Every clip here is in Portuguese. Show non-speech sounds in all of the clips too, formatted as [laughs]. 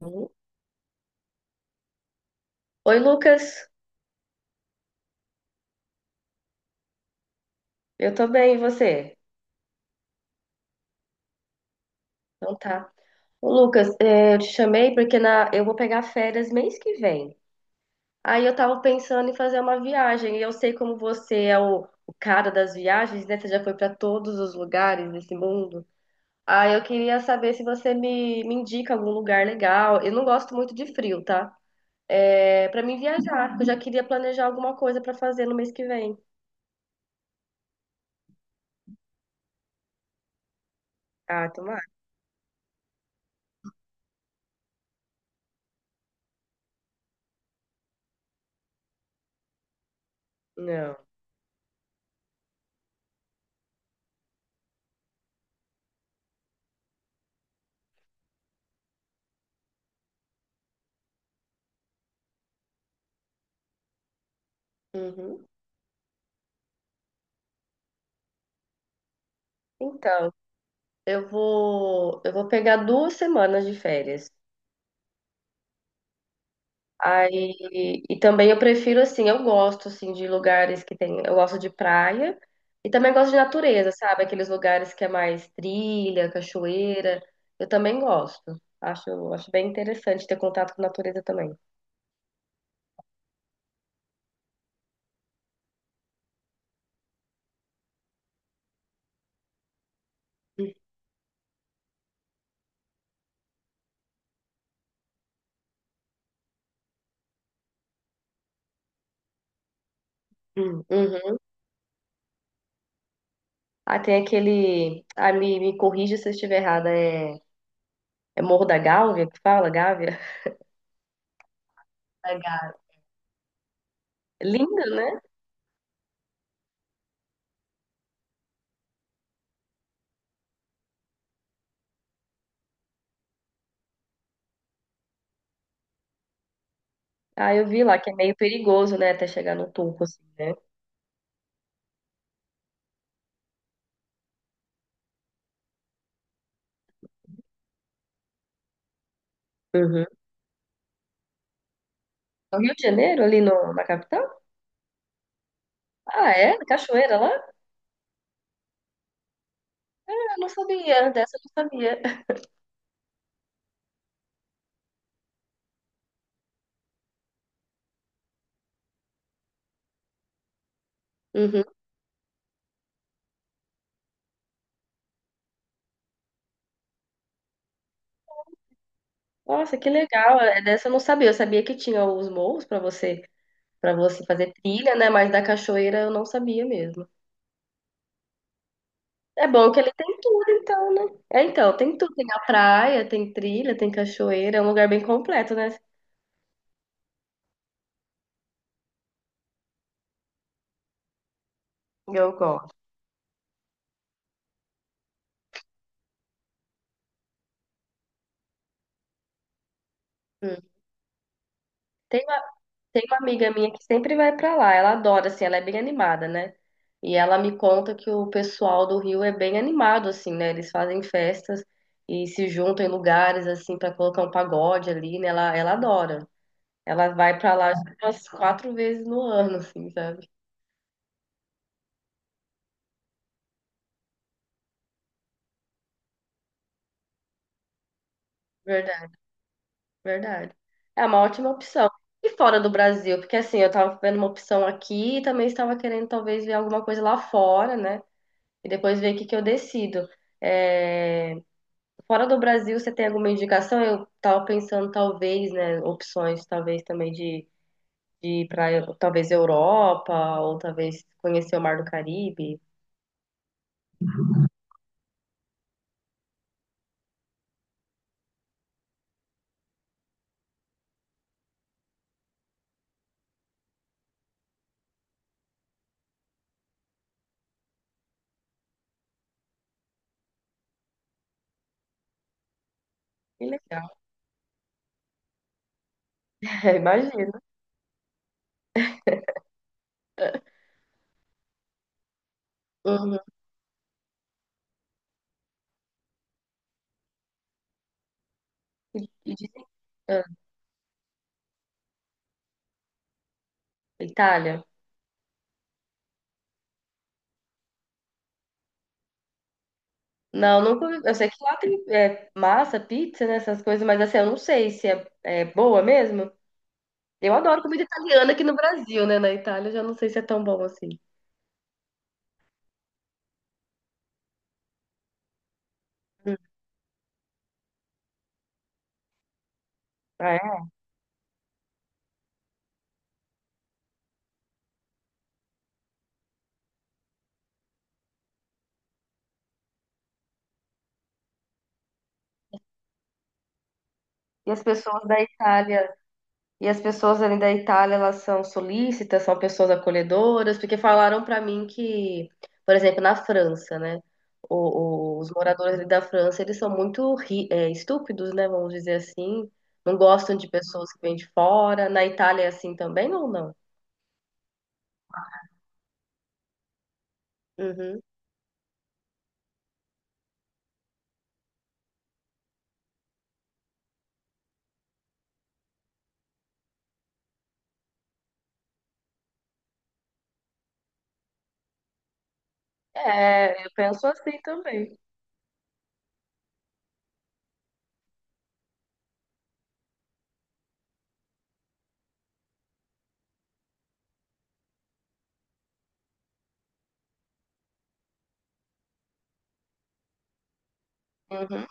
Lu- Oi, Lucas. Eu tô bem, e você? Então tá. Ô, Lucas, eu te chamei porque eu vou pegar férias mês que vem. Aí eu tava pensando em fazer uma viagem. E eu sei como você é o cara das viagens, né? Você já foi pra todos os lugares desse mundo. Aí eu queria saber se você me indica algum lugar legal. Eu não gosto muito de frio, tá? Para mim viajar. Eu já queria planejar alguma coisa pra fazer no mês que vem. Ah, tomara. Não. Uhum. Então, eu vou pegar 2 semanas de férias. Aí, e também eu prefiro assim, eu gosto assim de lugares que tem, eu gosto de praia e também gosto de natureza, sabe? Aqueles lugares que é mais trilha, cachoeira. Eu também gosto. Acho bem interessante ter contato com a natureza também. Uhum. Ah, tem aquele, me corrija se eu estiver errada, é Morro da Gávea que fala, Gávea? Da Gávea. Lindo, né? Ah, eu vi lá que é meio perigoso, né? Até chegar no topo, assim, né? Uhum. No Rio de Janeiro, ali no, na capital? Ah, é? Cachoeira lá? Ah, não sabia. Dessa eu não sabia. Uhum. Nossa, que legal. É, dessa eu não sabia. Eu sabia que tinha os morros para você fazer trilha, né? Mas da cachoeira eu não sabia mesmo. É bom que ele tem tudo, então, né? É, então, tem tudo. Tem a praia, tem trilha, tem cachoeira. É um lugar bem completo, né? Eu gosto. Hum. Tem Tem uma amiga minha que sempre vai pra lá, ela adora, assim, ela é bem animada, né? E ela me conta que o pessoal do Rio é bem animado, assim, né? Eles fazem festas e se juntam em lugares, assim, pra colocar um pagode ali, né? Ela adora. Ela vai pra lá acho que umas quatro vezes no ano, assim, sabe? Verdade. Verdade. É uma ótima opção. E fora do Brasil, porque assim, eu tava vendo uma opção aqui e também estava querendo talvez ver alguma coisa lá fora, né? E depois ver o que que eu decido. É, fora do Brasil, você tem alguma indicação? Eu tava pensando talvez, né, opções talvez também de ir para talvez Europa ou talvez conhecer o Mar do Caribe. Que legal. [laughs] Imagino. Uhum. E dizem- ah, Itália. Não, nunca. Eu sei que lá tem massa, pizza, né, essas coisas, mas assim, eu não sei se é boa mesmo. Eu adoro comida italiana aqui no Brasil, né? Na Itália, eu já não sei se é tão bom assim. Hum. Ah, é? E as pessoas da Itália, e as pessoas ali da Itália, elas são solícitas, são pessoas acolhedoras, porque falaram pra mim que, por exemplo, na França, né? os moradores ali da França, eles são muito estúpidos, né? Vamos dizer assim. Não gostam de pessoas que vêm de fora. Na Itália é assim também ou não? Uhum. É, eu penso assim também. Uhum.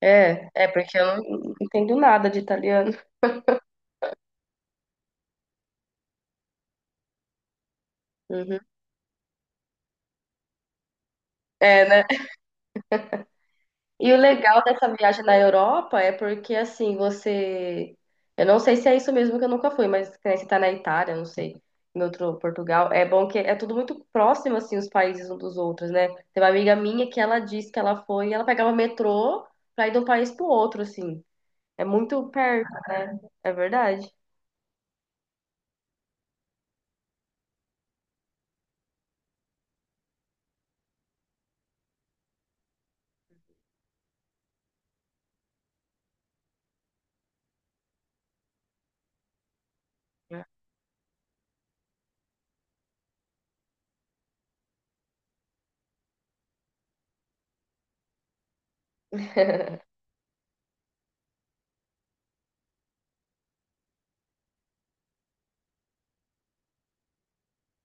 É porque eu não entendo nada de italiano. Uhum. É, né? E o legal dessa viagem na Europa é porque assim, você. Eu não sei se é isso mesmo que eu nunca fui, mas que nem você tá na Itália, eu não sei, em outro Portugal. É bom que é tudo muito próximo, assim, os países uns dos outros, né? Tem uma amiga minha que ela disse que ela foi e ela pegava metrô pra ir de um país pro outro, assim. É muito perto, né? É verdade.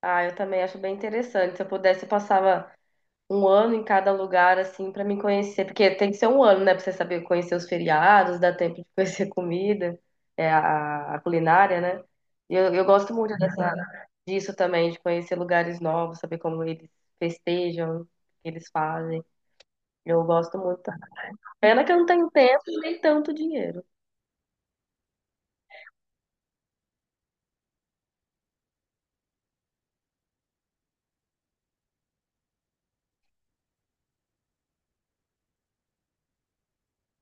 Ah, eu também acho bem interessante. Se eu pudesse, eu passava um ano em cada lugar, assim, pra me conhecer. Porque tem que ser um ano, né? Pra você saber conhecer os feriados, dar tempo de [laughs] conhecer a comida, a culinária, né? E eu gosto muito disso também, de conhecer lugares novos, saber como eles festejam, o que eles fazem. Eu gosto muito. Pena que eu não tenho tempo nem tanto dinheiro.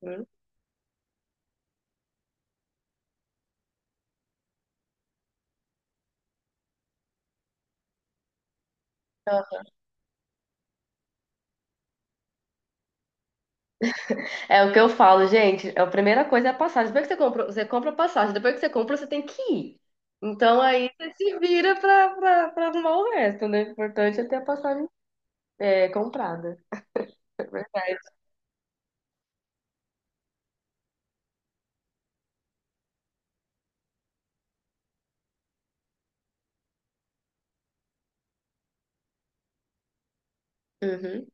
Né? É o que eu falo, gente. A primeira coisa é a passagem. Depois que você compra a passagem. Depois que você compra, você tem que ir. Então aí você se vira pra arrumar o resto, né? O importante é ter a passagem comprada. Mas, uhum,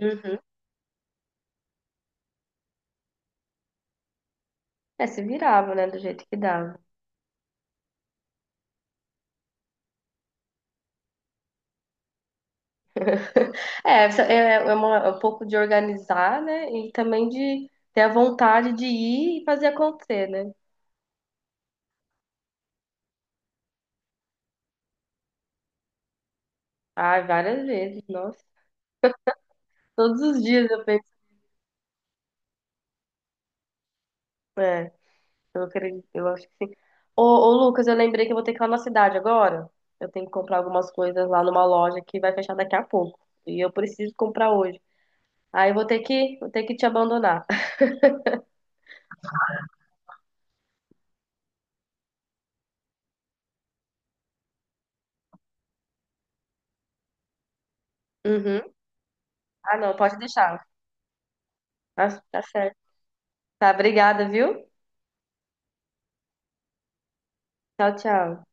uhum. É, se virava, né? Do jeito que dava. [laughs] É, isso é um pouco de organizar, né? E também de ter a vontade de ir e fazer acontecer, né? Ai, várias vezes, nossa. Todos os dias eu penso. é, Eu acredito, eu acho que sim. Ô, Lucas, eu lembrei que eu vou ter que ir lá na cidade agora. Eu tenho que comprar algumas coisas lá numa loja que vai fechar daqui a pouco. E eu preciso comprar hoje. Aí eu vou ter que, te abandonar. [laughs] Uhum. Ah, não, pode deixar. Tá, tá certo. Tá, obrigada, viu? Tchau, tchau.